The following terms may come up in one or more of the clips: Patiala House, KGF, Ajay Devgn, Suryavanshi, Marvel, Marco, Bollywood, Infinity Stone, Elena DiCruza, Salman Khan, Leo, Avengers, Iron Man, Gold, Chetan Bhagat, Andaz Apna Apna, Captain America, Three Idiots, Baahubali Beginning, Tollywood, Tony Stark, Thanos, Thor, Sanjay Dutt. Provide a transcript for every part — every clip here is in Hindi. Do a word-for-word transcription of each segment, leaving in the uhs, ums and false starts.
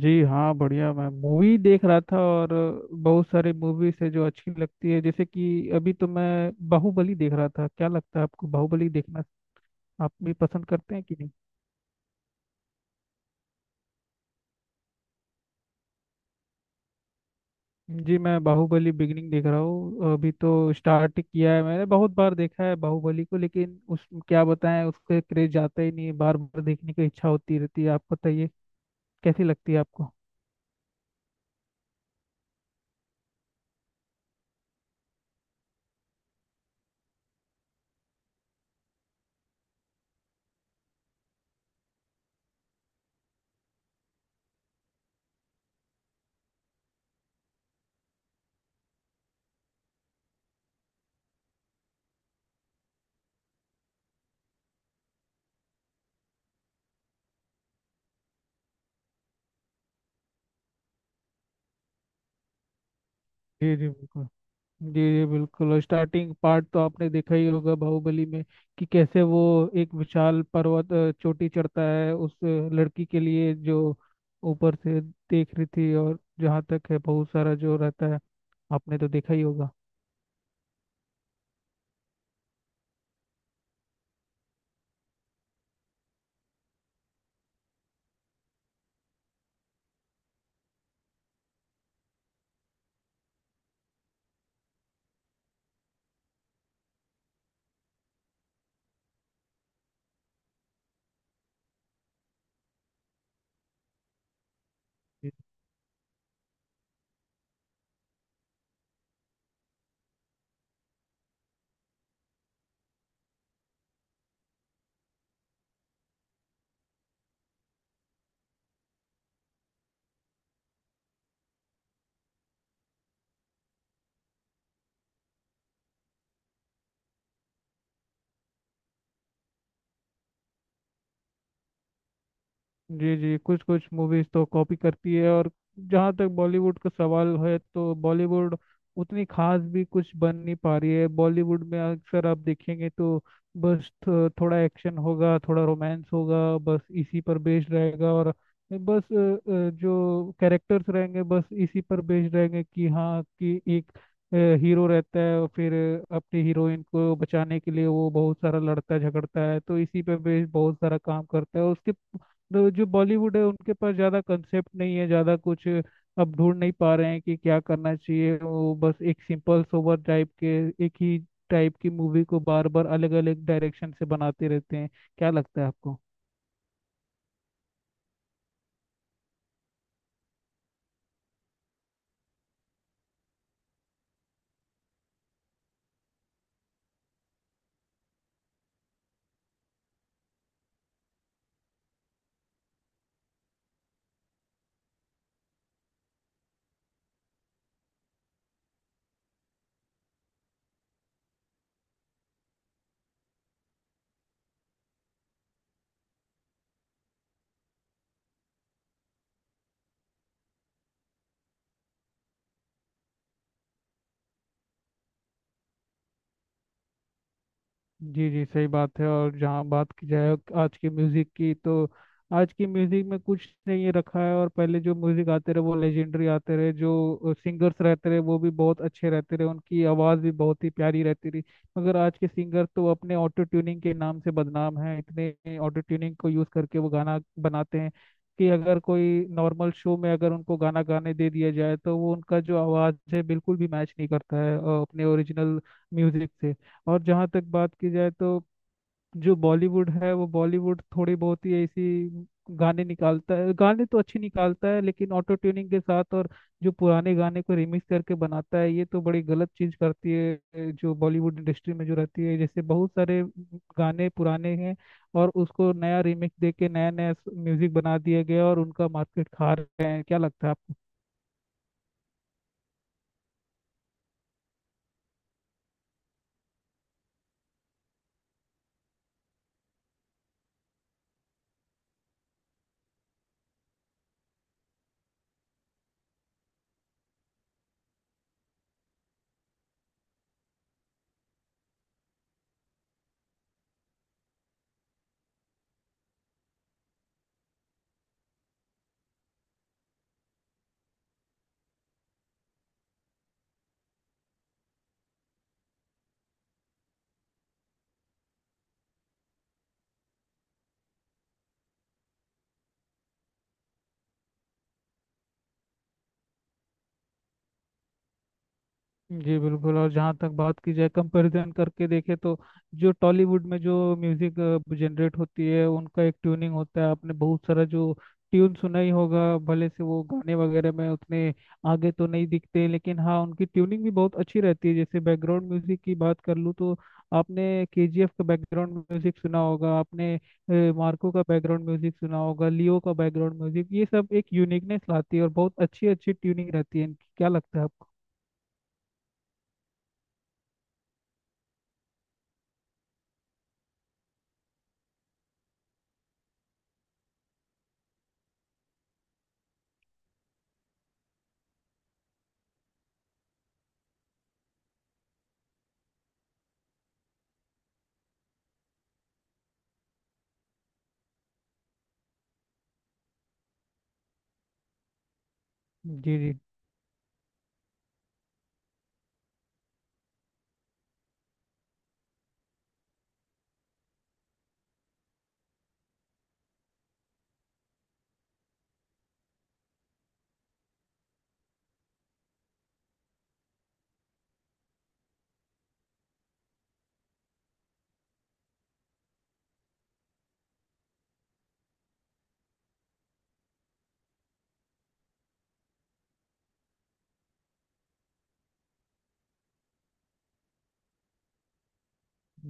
जी हाँ, बढ़िया। मैं मूवी देख रहा था। और बहुत सारी मूवीज है जो अच्छी लगती है, जैसे कि अभी तो मैं बाहुबली देख रहा था। क्या लगता है आपको बाहुबली देखना आप भी पसंद करते हैं कि नहीं? जी, मैं बाहुबली बिगिनिंग देख रहा हूँ। अभी तो स्टार्ट किया है मैंने। बहुत बार देखा है बाहुबली को, लेकिन उस क्या बताएं, उसके क्रेज जाता ही नहीं है। बार बार देखने की इच्छा होती रहती है। आप बताइए, कैसी लगती है आपको? जी जी बिल्कुल। जी जी बिल्कुल। और स्टार्टिंग पार्ट तो आपने देखा ही होगा बाहुबली में कि कैसे वो एक विशाल पर्वत अ, चोटी चढ़ता है उस अ, लड़की के लिए जो ऊपर से देख रही थी। और जहाँ तक है बहुत सारा जो रहता है आपने तो देखा ही होगा। जी जी, कुछ कुछ मूवीज तो कॉपी करती है। और जहाँ तक बॉलीवुड का सवाल है, तो बॉलीवुड उतनी खास भी कुछ बन नहीं पा रही है। बॉलीवुड में अक्सर आप देखेंगे तो बस थो- थोड़ा एक्शन होगा, थोड़ा रोमांस होगा, बस इसी पर बेस्ड रहेगा। और बस अ, अ, जो कैरेक्टर्स रहेंगे बस इसी पर बेस्ड रहेंगे कि हाँ, कि एक हीरो रहता है और फिर अपनी हीरोइन को बचाने के लिए वो बहुत सारा लड़ता झगड़ता है। तो इसी पर बेस्ड बहुत सारा काम करता है उसके। तो जो बॉलीवुड है उनके पास ज़्यादा कंसेप्ट नहीं है, ज़्यादा कुछ अब ढूंढ नहीं पा रहे हैं कि क्या करना चाहिए। वो बस एक सिंपल सोबर टाइप के एक ही टाइप की मूवी को बार बार अलग अलग डायरेक्शन से बनाते रहते हैं। क्या लगता है आपको? जी जी सही बात है। और जहाँ बात की जाए आज के म्यूजिक की, तो आज के म्यूजिक में कुछ नहीं रखा है। और पहले जो म्यूजिक आते रहे वो लेजेंडरी आते रहे। जो सिंगर्स रहते रहे वो भी बहुत अच्छे रहते रहे, उनकी आवाज़ भी बहुत ही प्यारी रहती रही। मगर आज के सिंगर तो अपने ऑटो ट्यूनिंग के नाम से बदनाम है। इतने ऑटो ट्यूनिंग को यूज़ करके वो गाना बनाते हैं कि अगर कोई नॉर्मल शो में अगर उनको गाना गाने दे दिया जाए तो वो उनका जो आवाज़ है बिल्कुल भी मैच नहीं करता है अ, अपने ओरिजिनल म्यूजिक से। और जहाँ तक बात की जाए, तो जो बॉलीवुड है वो बॉलीवुड थोड़ी बहुत ही ऐसी गाने निकालता है। गाने तो अच्छे निकालता है लेकिन ऑटो ट्यूनिंग के साथ। और जो पुराने गाने को रिमिक्स करके बनाता है ये तो बड़ी गलत चीज करती है ए, जो बॉलीवुड इंडस्ट्री में जो रहती है। जैसे बहुत सारे गाने पुराने हैं और उसको नया रिमिक्स दे के नया नया म्यूजिक बना दिया गया और उनका मार्केट खा रहे हैं। क्या लगता है आपको? जी बिल्कुल। और जहाँ तक बात की जाए, कंपैरिजन करके देखे तो जो टॉलीवुड में जो म्यूजिक जनरेट होती है उनका एक ट्यूनिंग होता है। आपने बहुत सारा जो ट्यून सुना ही होगा। भले से वो गाने वगैरह में उतने आगे तो नहीं दिखते, लेकिन हाँ उनकी ट्यूनिंग भी बहुत अच्छी रहती है। जैसे बैकग्राउंड म्यूजिक की बात कर लूँ तो आपने केजीएफ का बैकग्राउंड म्यूजिक सुना होगा, आपने अ, मार्को का बैकग्राउंड म्यूजिक सुना होगा, लियो का बैकग्राउंड म्यूजिक। ये सब एक यूनिकनेस लाती है और बहुत अच्छी अच्छी ट्यूनिंग रहती है इनकी। क्या लगता है आपको? जी जी।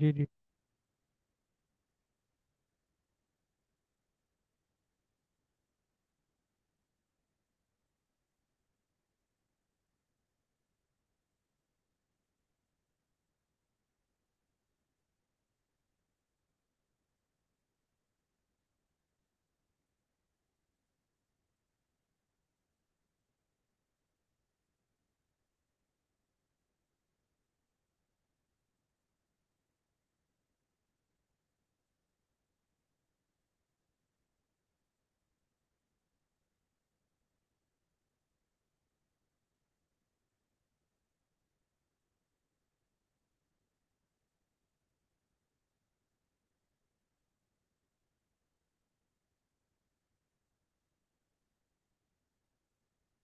जी जी।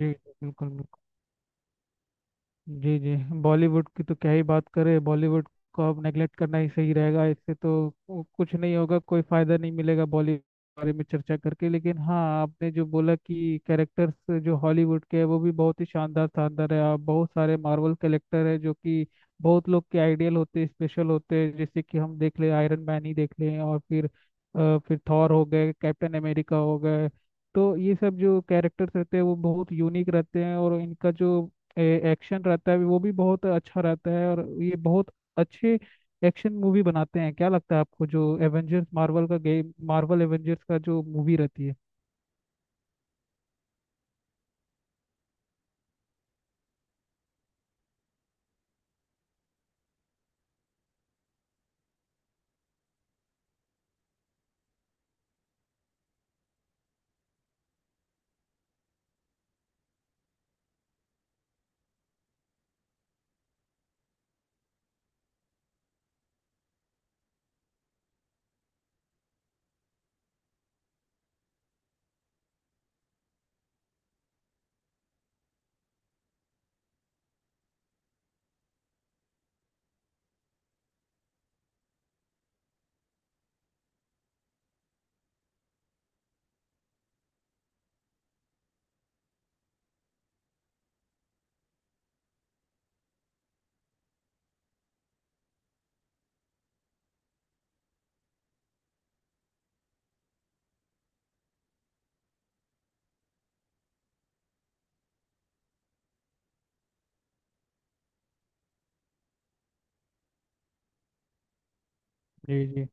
जी बिल्कुल बिल्कुल। जी जी। बॉलीवुड की तो क्या ही बात करें। बॉलीवुड को अब नेगलेक्ट करना ही सही रहेगा। इससे तो कु- कुछ नहीं होगा, कोई फायदा नहीं मिलेगा बॉलीवुड के बारे में चर्चा करके। लेकिन हाँ, आपने जो बोला कि कैरेक्टर्स जो हॉलीवुड के हैं वो भी बहुत ही शानदार शानदार है। आप बहुत सारे मार्वल कैरेक्टर है जो कि बहुत लोग के आइडियल होते हैं, स्पेशल होते हैं। जैसे कि हम देख ले, आयरन मैन ही देख लें, और फिर अ, फिर थॉर हो गए, कैप्टन अमेरिका हो गए। तो ये सब जो कैरेक्टर्स रहते हैं वो बहुत यूनिक रहते हैं और इनका जो एक्शन रहता है वो भी बहुत अच्छा रहता है। और ये बहुत अच्छे एक्शन मूवी बनाते हैं। क्या लगता है आपको जो एवेंजर्स, मार्वल का गेम, मार्वल एवेंजर्स का जो मूवी रहती है? जी जी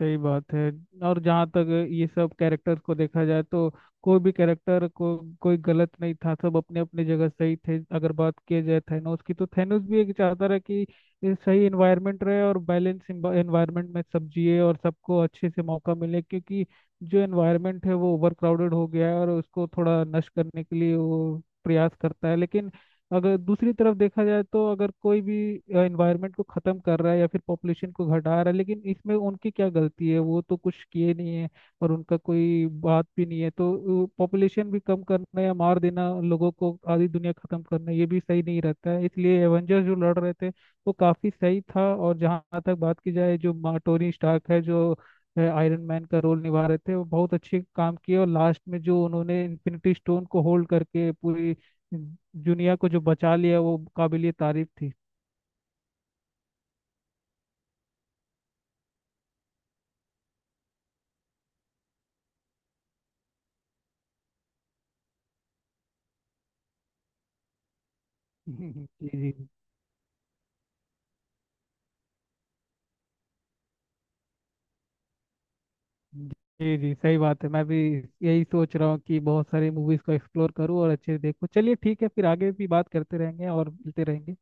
सही बात है। और जहाँ तक ये सब कैरेक्टर्स को देखा जाए तो कोई भी कैरेक्टर को, कोई गलत नहीं था, सब अपने अपने जगह सही थे। अगर बात किया जाए थैनोस की, तो थैनोस भी एक चाहता रहा कि ये सही एनवायरनमेंट रहे और बैलेंस एनवायरनमेंट में सब जिए और सबको अच्छे से मौका मिले, क्योंकि जो एनवायरनमेंट है वो ओवर क्राउडेड हो गया है और उसको थोड़ा नष्ट करने के लिए वो प्रयास करता है। लेकिन अगर दूसरी तरफ देखा जाए तो अगर कोई भी एनवायरनमेंट को ख़त्म कर रहा है या फिर पॉपुलेशन को घटा रहा है, लेकिन इसमें उनकी क्या गलती है, वो तो कुछ किए नहीं है और उनका कोई बात भी नहीं है। तो पॉपुलेशन भी कम करना या मार देना लोगों को, आधी दुनिया ख़त्म करना, ये भी सही नहीं रहता है। इसलिए एवेंजर्स जो लड़ रहे थे वो काफ़ी सही था। और जहाँ तक बात की जाए, जो मा- टोनी स्टार्क है जो आयरन मैन का रोल निभा रहे थे वो बहुत अच्छे काम किए और लास्ट में जो उन्होंने इन्फिनिटी स्टोन को होल्ड करके पूरी जुनिया को जो बचा लिया, वो काबिलियत तारीफ थी। जी। जी। जी जी सही बात है। मैं भी यही सोच रहा हूँ कि बहुत सारी मूवीज को एक्सप्लोर करूँ और अच्छे से देखूँ। चलिए ठीक है, फिर आगे भी बात करते रहेंगे और मिलते रहेंगे।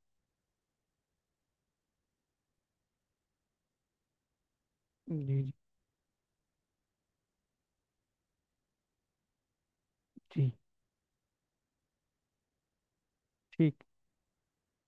जी। जी जी। ठीक